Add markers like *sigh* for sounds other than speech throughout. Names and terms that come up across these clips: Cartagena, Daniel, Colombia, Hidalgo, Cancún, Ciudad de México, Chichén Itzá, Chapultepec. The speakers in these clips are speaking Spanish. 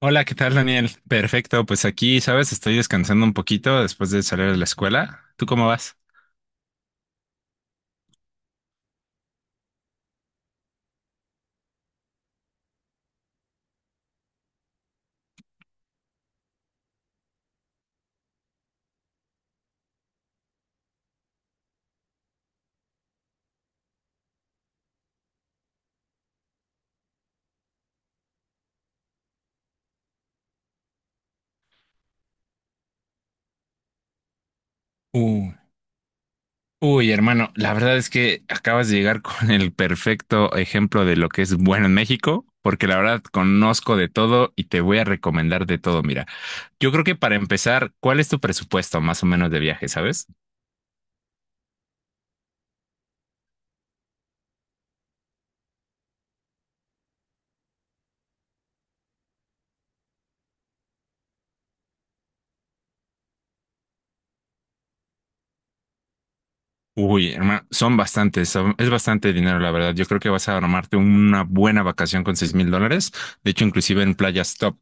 Hola, ¿qué tal, Daniel? Perfecto, pues aquí, sabes, estoy descansando un poquito después de salir de la escuela. ¿Tú cómo vas? Uh, uy, hermano, la verdad es que acabas de llegar *laughs* con el perfecto ejemplo de lo que es bueno en México, porque la verdad conozco de todo y te voy a recomendar de todo. Mira, yo creo que para empezar, ¿cuál es tu presupuesto más o menos de viaje, sabes? Uy, hermano, son bastantes, es bastante dinero, la verdad. Yo creo que vas a armarte una buena vacación con $6,000. De hecho, inclusive en playas top.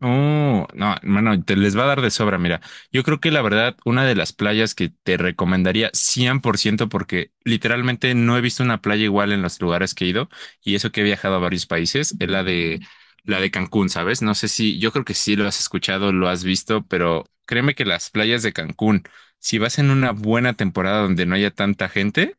Oh, no, hermano, te les va a dar de sobra, mira. Yo creo que la verdad, una de las playas que te recomendaría 100% porque literalmente no he visto una playa igual en los lugares que he ido y eso que he viajado a varios países, es la de Cancún, ¿sabes? No sé si, yo creo que sí lo has escuchado, lo has visto, pero créeme que las playas de Cancún, si vas en una buena temporada donde no haya tanta gente,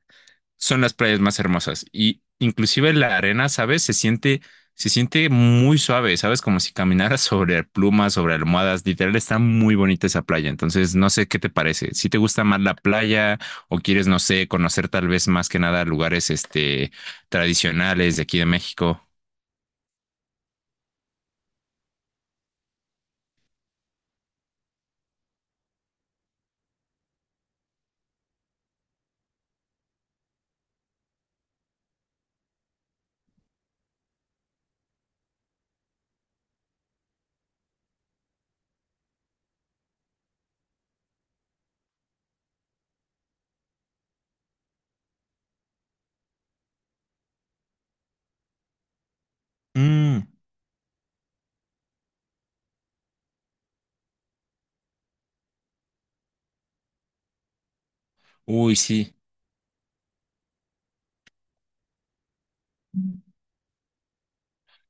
son las playas más hermosas. Y inclusive la arena, ¿sabes? Se siente muy suave, ¿sabes? Como si caminaras *laughs* sobre plumas, sobre almohadas. Literal, está muy bonita esa playa. Entonces, no sé qué te parece. Si te gusta más la playa o quieres, no sé, conocer tal vez más que nada lugares, tradicionales de aquí de México. Mm, uy, sí.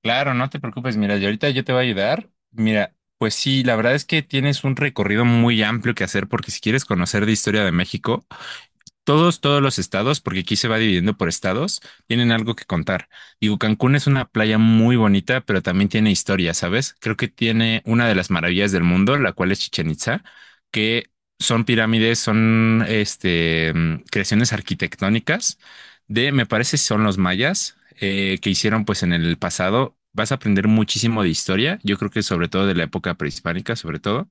Claro, no te preocupes. Mira, yo ahorita yo te voy a ayudar. Mira, pues sí, la verdad es que tienes un recorrido muy amplio que hacer porque si quieres conocer de historia de México, todos los estados, porque aquí se va dividiendo por estados, tienen algo que contar. Digo, Cancún es una playa muy bonita, pero también tiene historia, ¿sabes? Creo que tiene una de las maravillas del mundo, la cual es Chichén Itzá, que son pirámides, son creaciones arquitectónicas de, me parece, son los mayas que hicieron pues en el pasado. Vas a aprender muchísimo de historia, yo creo que sobre todo de la época prehispánica, sobre todo,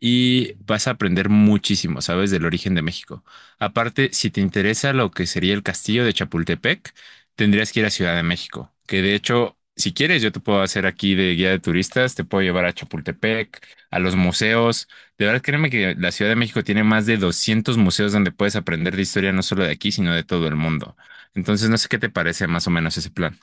y vas a aprender muchísimo, ¿sabes? Del origen de México. Aparte, si te interesa lo que sería el castillo de Chapultepec, tendrías que ir a Ciudad de México, que de hecho, si quieres, yo te puedo hacer aquí de guía de turistas, te puedo llevar a Chapultepec, a los museos. De verdad, créeme que la Ciudad de México tiene más de 200 museos donde puedes aprender de historia no solo de aquí, sino de todo el mundo. Entonces, no sé qué te parece más o menos ese plan.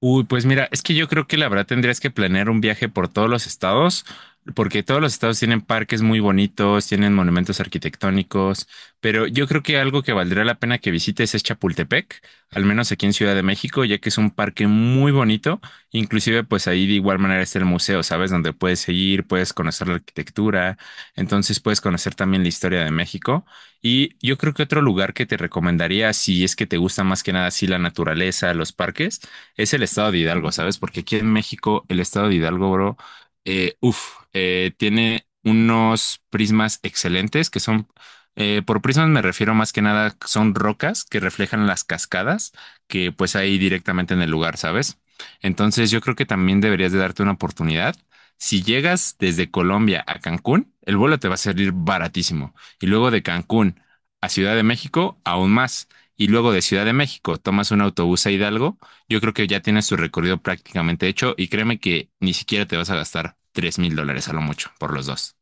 Uy, pues mira, es que yo creo que la verdad tendrías que planear un viaje por todos los estados, porque todos los estados tienen parques muy bonitos, tienen monumentos arquitectónicos, pero yo creo que algo que valdría la pena que visites es Chapultepec, al menos aquí en Ciudad de México, ya que es un parque muy bonito, inclusive pues ahí de igual manera está el museo, ¿sabes? Donde puedes ir, puedes conocer la arquitectura, entonces puedes conocer también la historia de México. Y yo creo que otro lugar que te recomendaría, si es que te gusta más que nada así la naturaleza, los parques, es el estado de Hidalgo, ¿sabes? Porque aquí en México, el estado de Hidalgo, bro, tiene unos prismas excelentes que son, por prismas me refiero más que nada, son rocas que reflejan las cascadas que pues hay directamente en el lugar, ¿sabes? Entonces yo creo que también deberías de darte una oportunidad. Si llegas desde Colombia a Cancún, el vuelo te va a salir baratísimo. Y luego de Cancún a Ciudad de México, aún más. Y luego de Ciudad de México tomas un autobús a Hidalgo, yo creo que ya tienes tu recorrido prácticamente hecho y créeme que ni siquiera te vas a gastar $3,000 a lo mucho por los dos.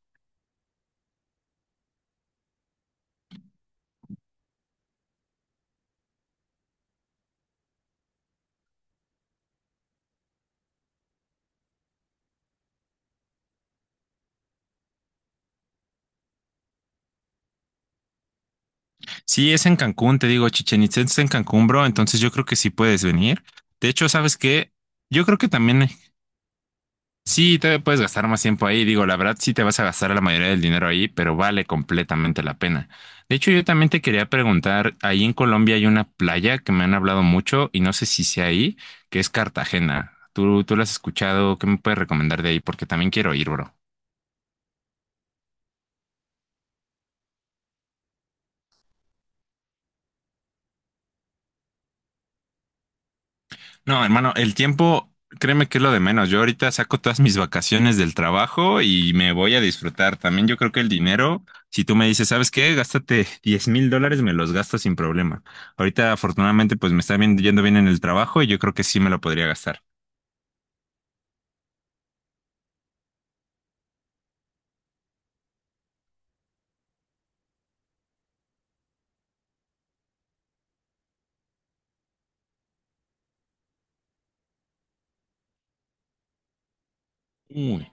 Sí, es en Cancún, te digo, Chichen Itzá es en Cancún, bro. Entonces yo creo que sí puedes venir. De hecho, ¿sabes qué? Yo creo que también sí, te puedes gastar más tiempo ahí. Digo, la verdad, sí te vas a gastar la mayoría del dinero ahí, pero vale completamente la pena. De hecho, yo también te quería preguntar, ahí en Colombia hay una playa que me han hablado mucho y no sé si sea ahí, que es Cartagena. ¿Tú la has escuchado? ¿Qué me puedes recomendar de ahí? Porque también quiero ir, bro. No, hermano, el tiempo, créeme que es lo de menos. Yo ahorita saco todas mis vacaciones del trabajo y me voy a disfrutar. También yo creo que el dinero, si tú me dices, ¿sabes qué? Gástate $10,000, me los gasto sin problema. Ahorita, afortunadamente, pues me está yendo bien en el trabajo y yo creo que sí me lo podría gastar. Uy.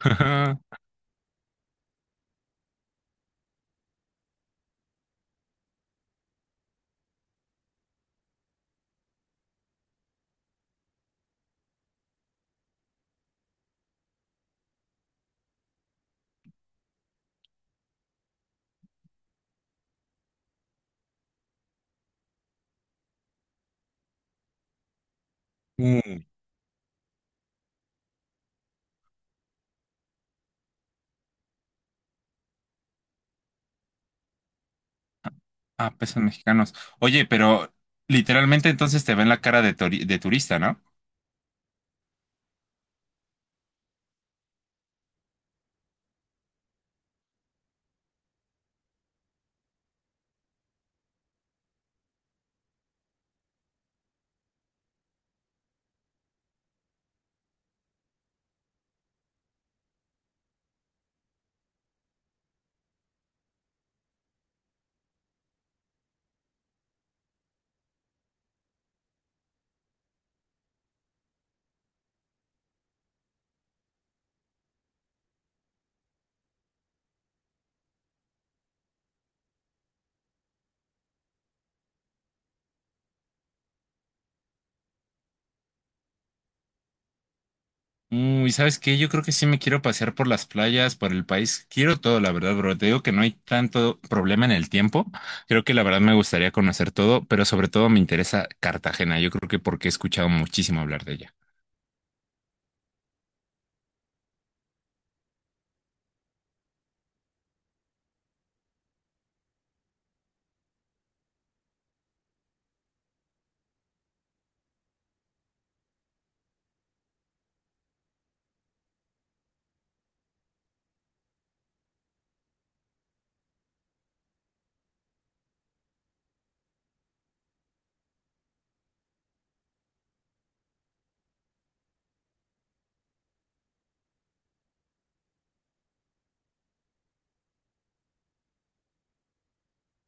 *laughs* Uy. Ah, pesos mexicanos. Oye, pero literalmente entonces te ven la cara de, de turista, ¿no? Uy, ¿sabes qué? Yo creo que sí me quiero pasear por las playas, por el país. Quiero todo, la verdad, bro. Te digo que no hay tanto problema en el tiempo. Creo que la verdad me gustaría conocer todo, pero sobre todo me interesa Cartagena. Yo creo que porque he escuchado muchísimo hablar de ella.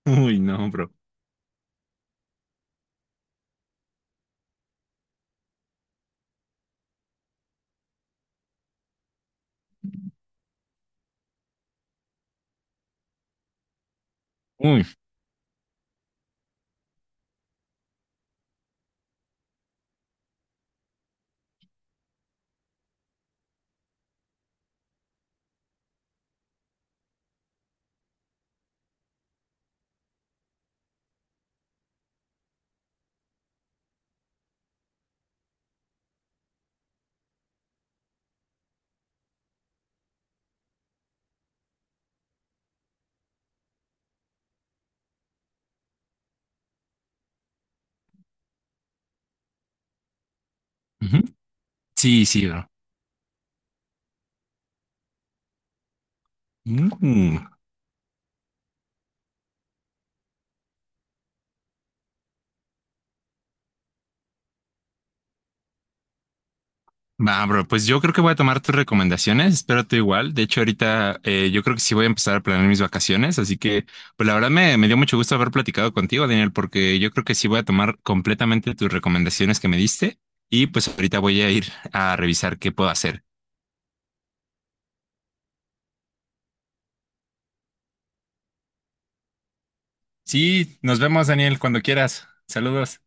Uy, no, bro. Uy. Ujú. Sí, sí, bro. Mm. Va, bro, pues yo creo que voy a tomar tus recomendaciones, espero tú igual. De hecho, ahorita yo creo que sí voy a empezar a planear mis vacaciones, así que, pues la verdad me dio mucho gusto haber platicado contigo, Daniel, porque yo creo que sí voy a tomar completamente tus recomendaciones que me diste y pues ahorita voy a ir a revisar qué puedo hacer. Sí, nos vemos, Daniel, cuando quieras. Saludos.